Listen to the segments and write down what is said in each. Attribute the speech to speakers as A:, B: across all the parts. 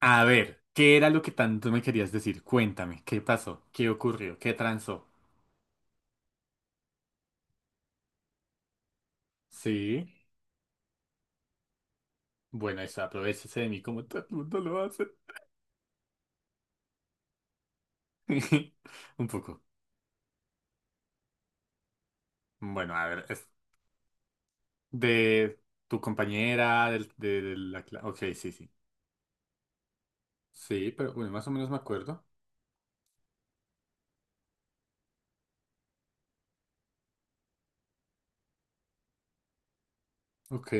A: A ver, ¿qué era lo que tanto me querías decir? Cuéntame, ¿qué pasó? ¿Qué ocurrió? ¿Qué transó? Sí. Bueno, eso, aprovéchese de mí como todo el mundo lo hace. Un poco. Bueno, a ver, es de tu compañera, de la clase. Ok, sí, sí. Sí, pero bueno, más o menos me acuerdo. Ok,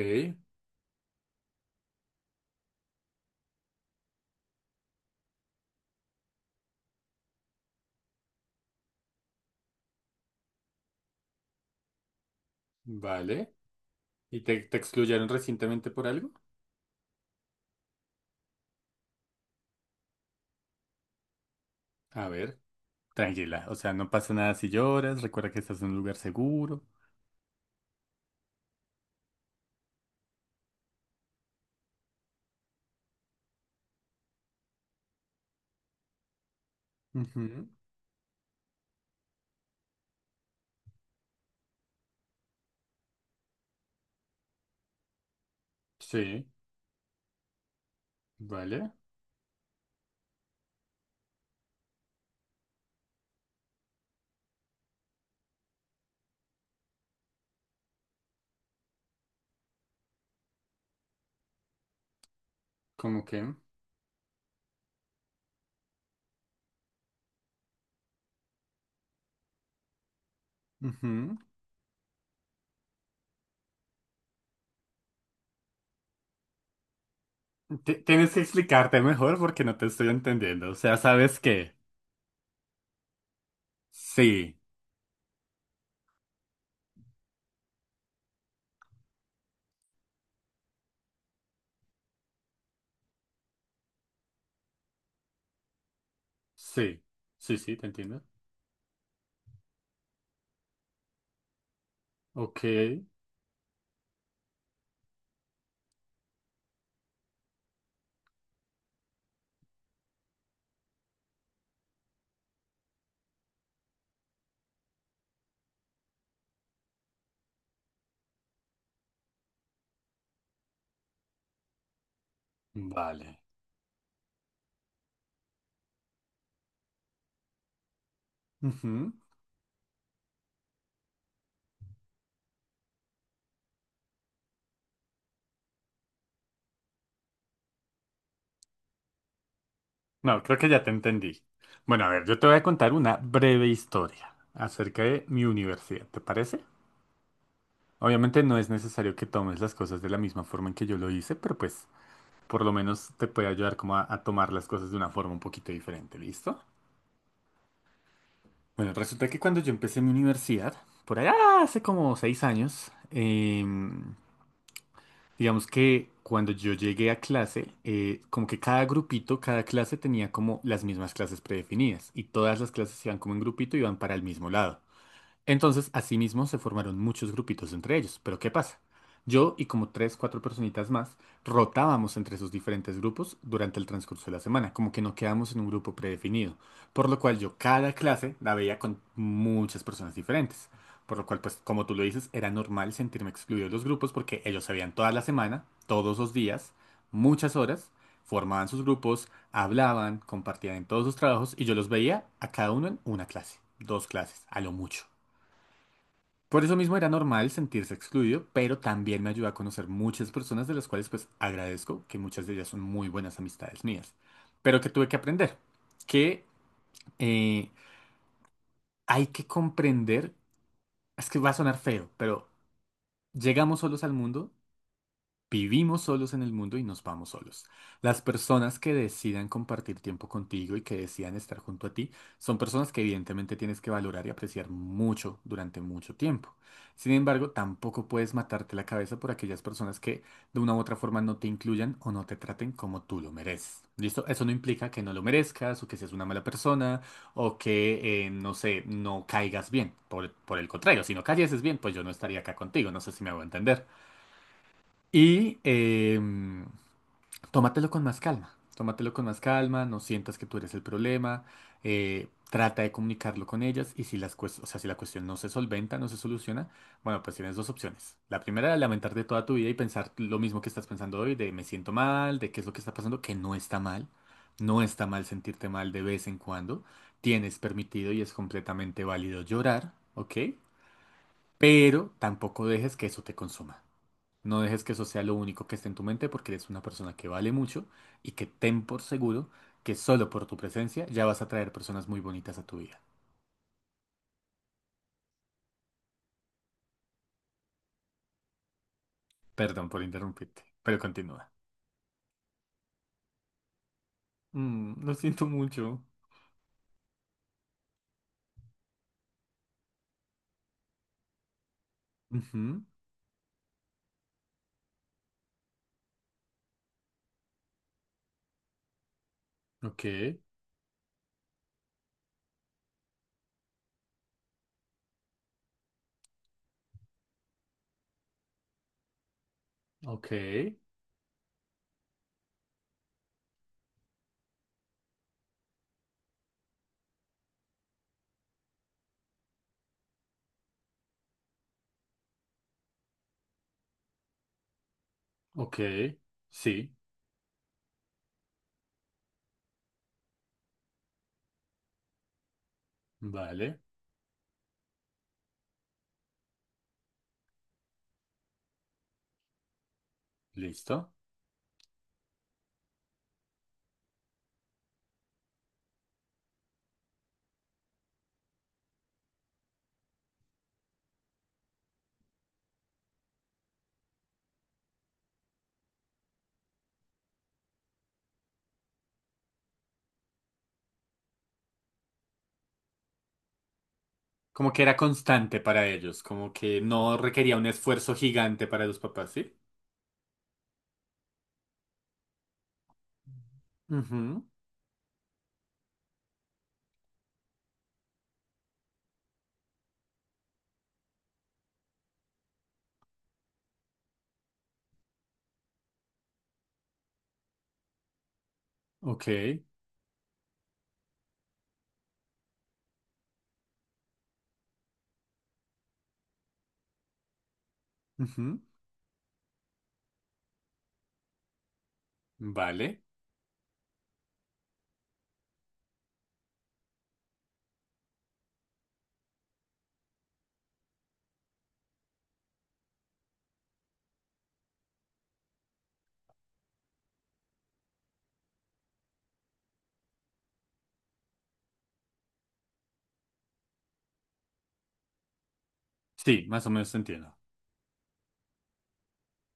A: vale. ¿Y te excluyeron recientemente por algo? A ver, tranquila, o sea, no pasa nada si lloras, recuerda que estás en un lugar seguro. Ujú, sí, vale. ¿Cómo que? Ujú. Tienes que explicarte mejor porque no te estoy entendiendo. O sea, ¿sabes qué? Sí, sí, sí, sí, te entiendo. Ok, vale. Ujú. No, creo que ya te entendí. Bueno, a ver, yo te voy a contar una breve historia acerca de mi universidad, ¿te parece? Obviamente no es necesario que tomes las cosas de la misma forma en que yo lo hice, pero pues por lo menos te puede ayudar como a tomar las cosas de una forma un poquito diferente, ¿listo? Bueno, resulta que cuando yo empecé mi universidad, por allá hace como 6 años, digamos que cuando yo llegué a clase, como que cada grupito, cada clase tenía como las mismas clases predefinidas y todas las clases iban como en grupito y iban para el mismo lado. Entonces, asimismo, se formaron muchos grupitos entre ellos. Pero ¿qué pasa? Yo y como tres, cuatro personitas más rotábamos entre esos diferentes grupos durante el transcurso de la semana, como que no quedamos en un grupo predefinido. Por lo cual yo cada clase la veía con muchas personas diferentes. Por lo cual, pues, como tú lo dices, era normal sentirme excluido de los grupos porque ellos se veían toda la semana, todos los días, muchas horas, formaban sus grupos, hablaban, compartían en todos sus trabajos y yo los veía a cada uno en una clase, dos clases, a lo mucho. Por eso mismo era normal sentirse excluido, pero también me ayudó a conocer muchas personas de las cuales pues agradezco que muchas de ellas son muy buenas amistades mías. Pero que tuve que aprender, que eh, hay que comprender, es que va a sonar feo, pero llegamos solos al mundo. Vivimos solos en el mundo y nos vamos solos. Las personas que decidan compartir tiempo contigo y que decidan estar junto a ti son personas que evidentemente tienes que valorar y apreciar mucho durante mucho tiempo. Sin embargo, tampoco puedes matarte la cabeza por aquellas personas que de una u otra forma no te incluyan o no te traten como tú lo mereces. ¿Listo? Eso no implica que no lo merezcas o que seas una mala persona o que, no sé, no caigas bien. Por el contrario, si no cayeses bien, pues yo no estaría acá contigo. No sé si me hago entender. Y tómatelo con más calma, tómatelo con más calma, no sientas que tú eres el problema, trata de comunicarlo con ellas y si o sea, si la cuestión no se solventa, no se soluciona, bueno, pues tienes dos opciones. La primera, lamentarte toda tu vida y pensar lo mismo que estás pensando hoy, de me siento mal, de qué es lo que está pasando, que no está mal, no está mal sentirte mal de vez en cuando, tienes permitido y es completamente válido llorar, ¿ok? Pero tampoco dejes que eso te consuma. No dejes que eso sea lo único que esté en tu mente porque eres una persona que vale mucho y que ten por seguro que solo por tu presencia ya vas a traer personas muy bonitas a tu vida. Perdón por interrumpirte, pero continúa. Mm, lo siento mucho. Ujú, ok, ok, ok. Sí, vale, listo. Como que era constante para ellos, como que no requería un esfuerzo gigante para los papás, ¿sí? Ujú, ok, ujú, vale. Sí, más o menos te entiendo.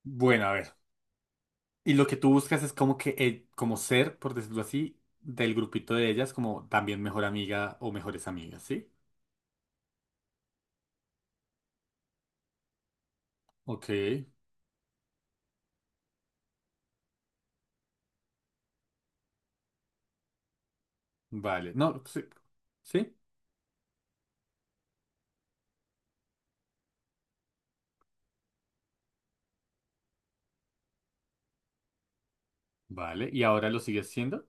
A: Bueno, a ver. Y lo que tú buscas es como que, como ser, por decirlo así, del grupito de ellas, como también mejor amiga o mejores amigas, ¿sí? Ok, vale. No, sí, sí, vale. ¿Y ahora lo sigues siendo?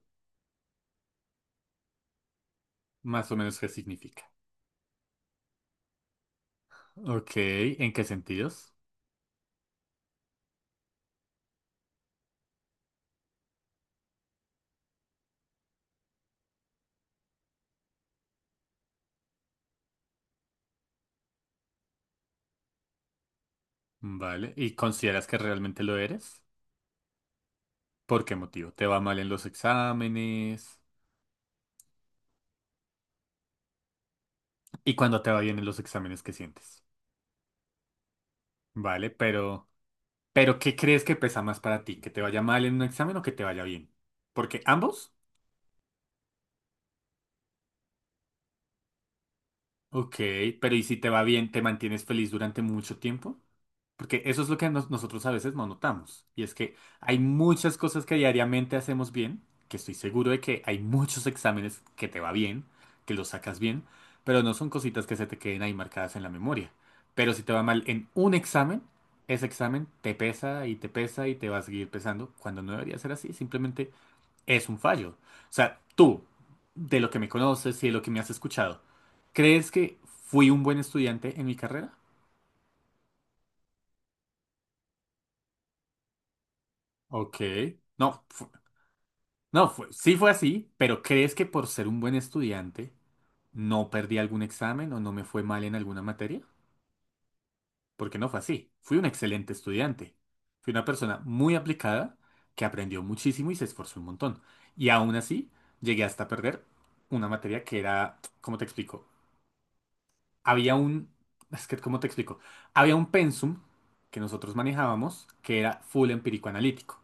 A: Más o menos, ¿qué significa? Ok, ¿en qué sentidos? Vale. ¿Y consideras que realmente lo eres? ¿Por qué motivo? ¿Te va mal en los exámenes? ¿Y cuando te va bien en los exámenes, qué sientes? Vale, pero ¿qué crees que pesa más para ti? ¿Que te vaya mal en un examen o que te vaya bien? Porque ambos... Ok, pero ¿y si te va bien, te mantienes feliz durante mucho tiempo? Porque eso es lo que nosotros a veces no notamos. Y es que hay muchas cosas que diariamente hacemos bien, que estoy seguro de que hay muchos exámenes que te va bien, que los sacas bien, pero no son cositas que se te queden ahí marcadas en la memoria. Pero si te va mal en un examen, ese examen te pesa y te pesa y te va a seguir pesando, cuando no debería ser así. Simplemente es un fallo. O sea, tú, de lo que me conoces y de lo que me has escuchado, ¿crees que fui un buen estudiante en mi carrera? Ok. No, fu- no, fue- sí fue así, pero ¿crees que por ser un buen estudiante no perdí algún examen o no me fue mal en alguna materia? Porque no fue así. Fui un excelente estudiante. Fui una persona muy aplicada que aprendió muchísimo y se esforzó un montón. Y aún así, llegué hasta perder una materia que era, ¿cómo te explico? Había un, es que, ¿cómo te explico? Había un pensum que nosotros manejábamos que era full empírico analítico.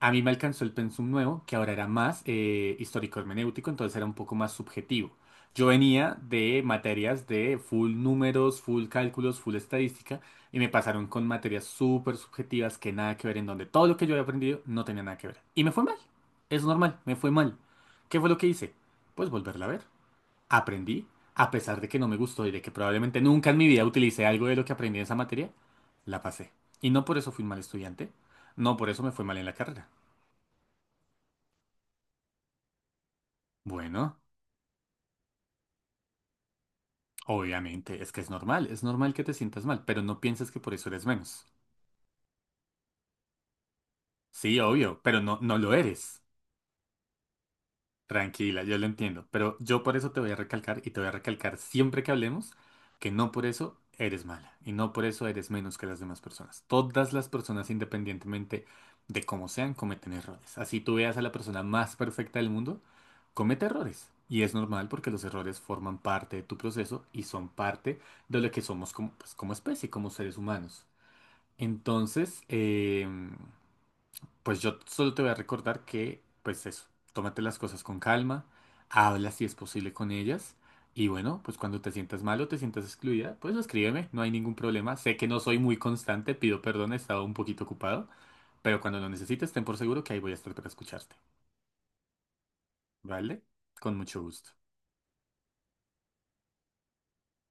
A: A mí me alcanzó el pensum nuevo, que ahora era más histórico hermenéutico, entonces era un poco más subjetivo. Yo venía de materias de full números, full cálculos, full estadística, y me pasaron con materias súper subjetivas que nada que ver, en donde todo lo que yo había aprendido no tenía nada que ver. Y me fue mal. Es normal, me fue mal. ¿Qué fue lo que hice? Pues volverla a ver. Aprendí, a pesar de que no me gustó y de que probablemente nunca en mi vida utilicé algo de lo que aprendí en esa materia, la pasé. Y no por eso fui un mal estudiante, no por eso me fue mal en la carrera. Bueno, obviamente, es que es normal que te sientas mal, pero no pienses que por eso eres menos. Sí, obvio, pero no, no lo eres. Tranquila, yo lo entiendo, pero yo por eso te voy a recalcar y te voy a recalcar siempre que hablemos que no por eso eres mala y no por eso eres menos que las demás personas. Todas las personas, independientemente de cómo sean, cometen errores. Así tú veas a la persona más perfecta del mundo, comete errores. Y es normal porque los errores forman parte de tu proceso y son parte de lo que somos como, pues, como especie, como seres humanos. Entonces, pues yo solo te voy a recordar que, pues eso, tómate las cosas con calma, habla si es posible con ellas y bueno, pues cuando te sientas mal o te sientas excluida, pues escríbeme, no hay ningún problema. Sé que no soy muy constante, pido perdón, he estado un poquito ocupado, pero cuando lo necesites, ten por seguro que ahí voy a estar para escucharte, ¿vale? Con mucho gusto.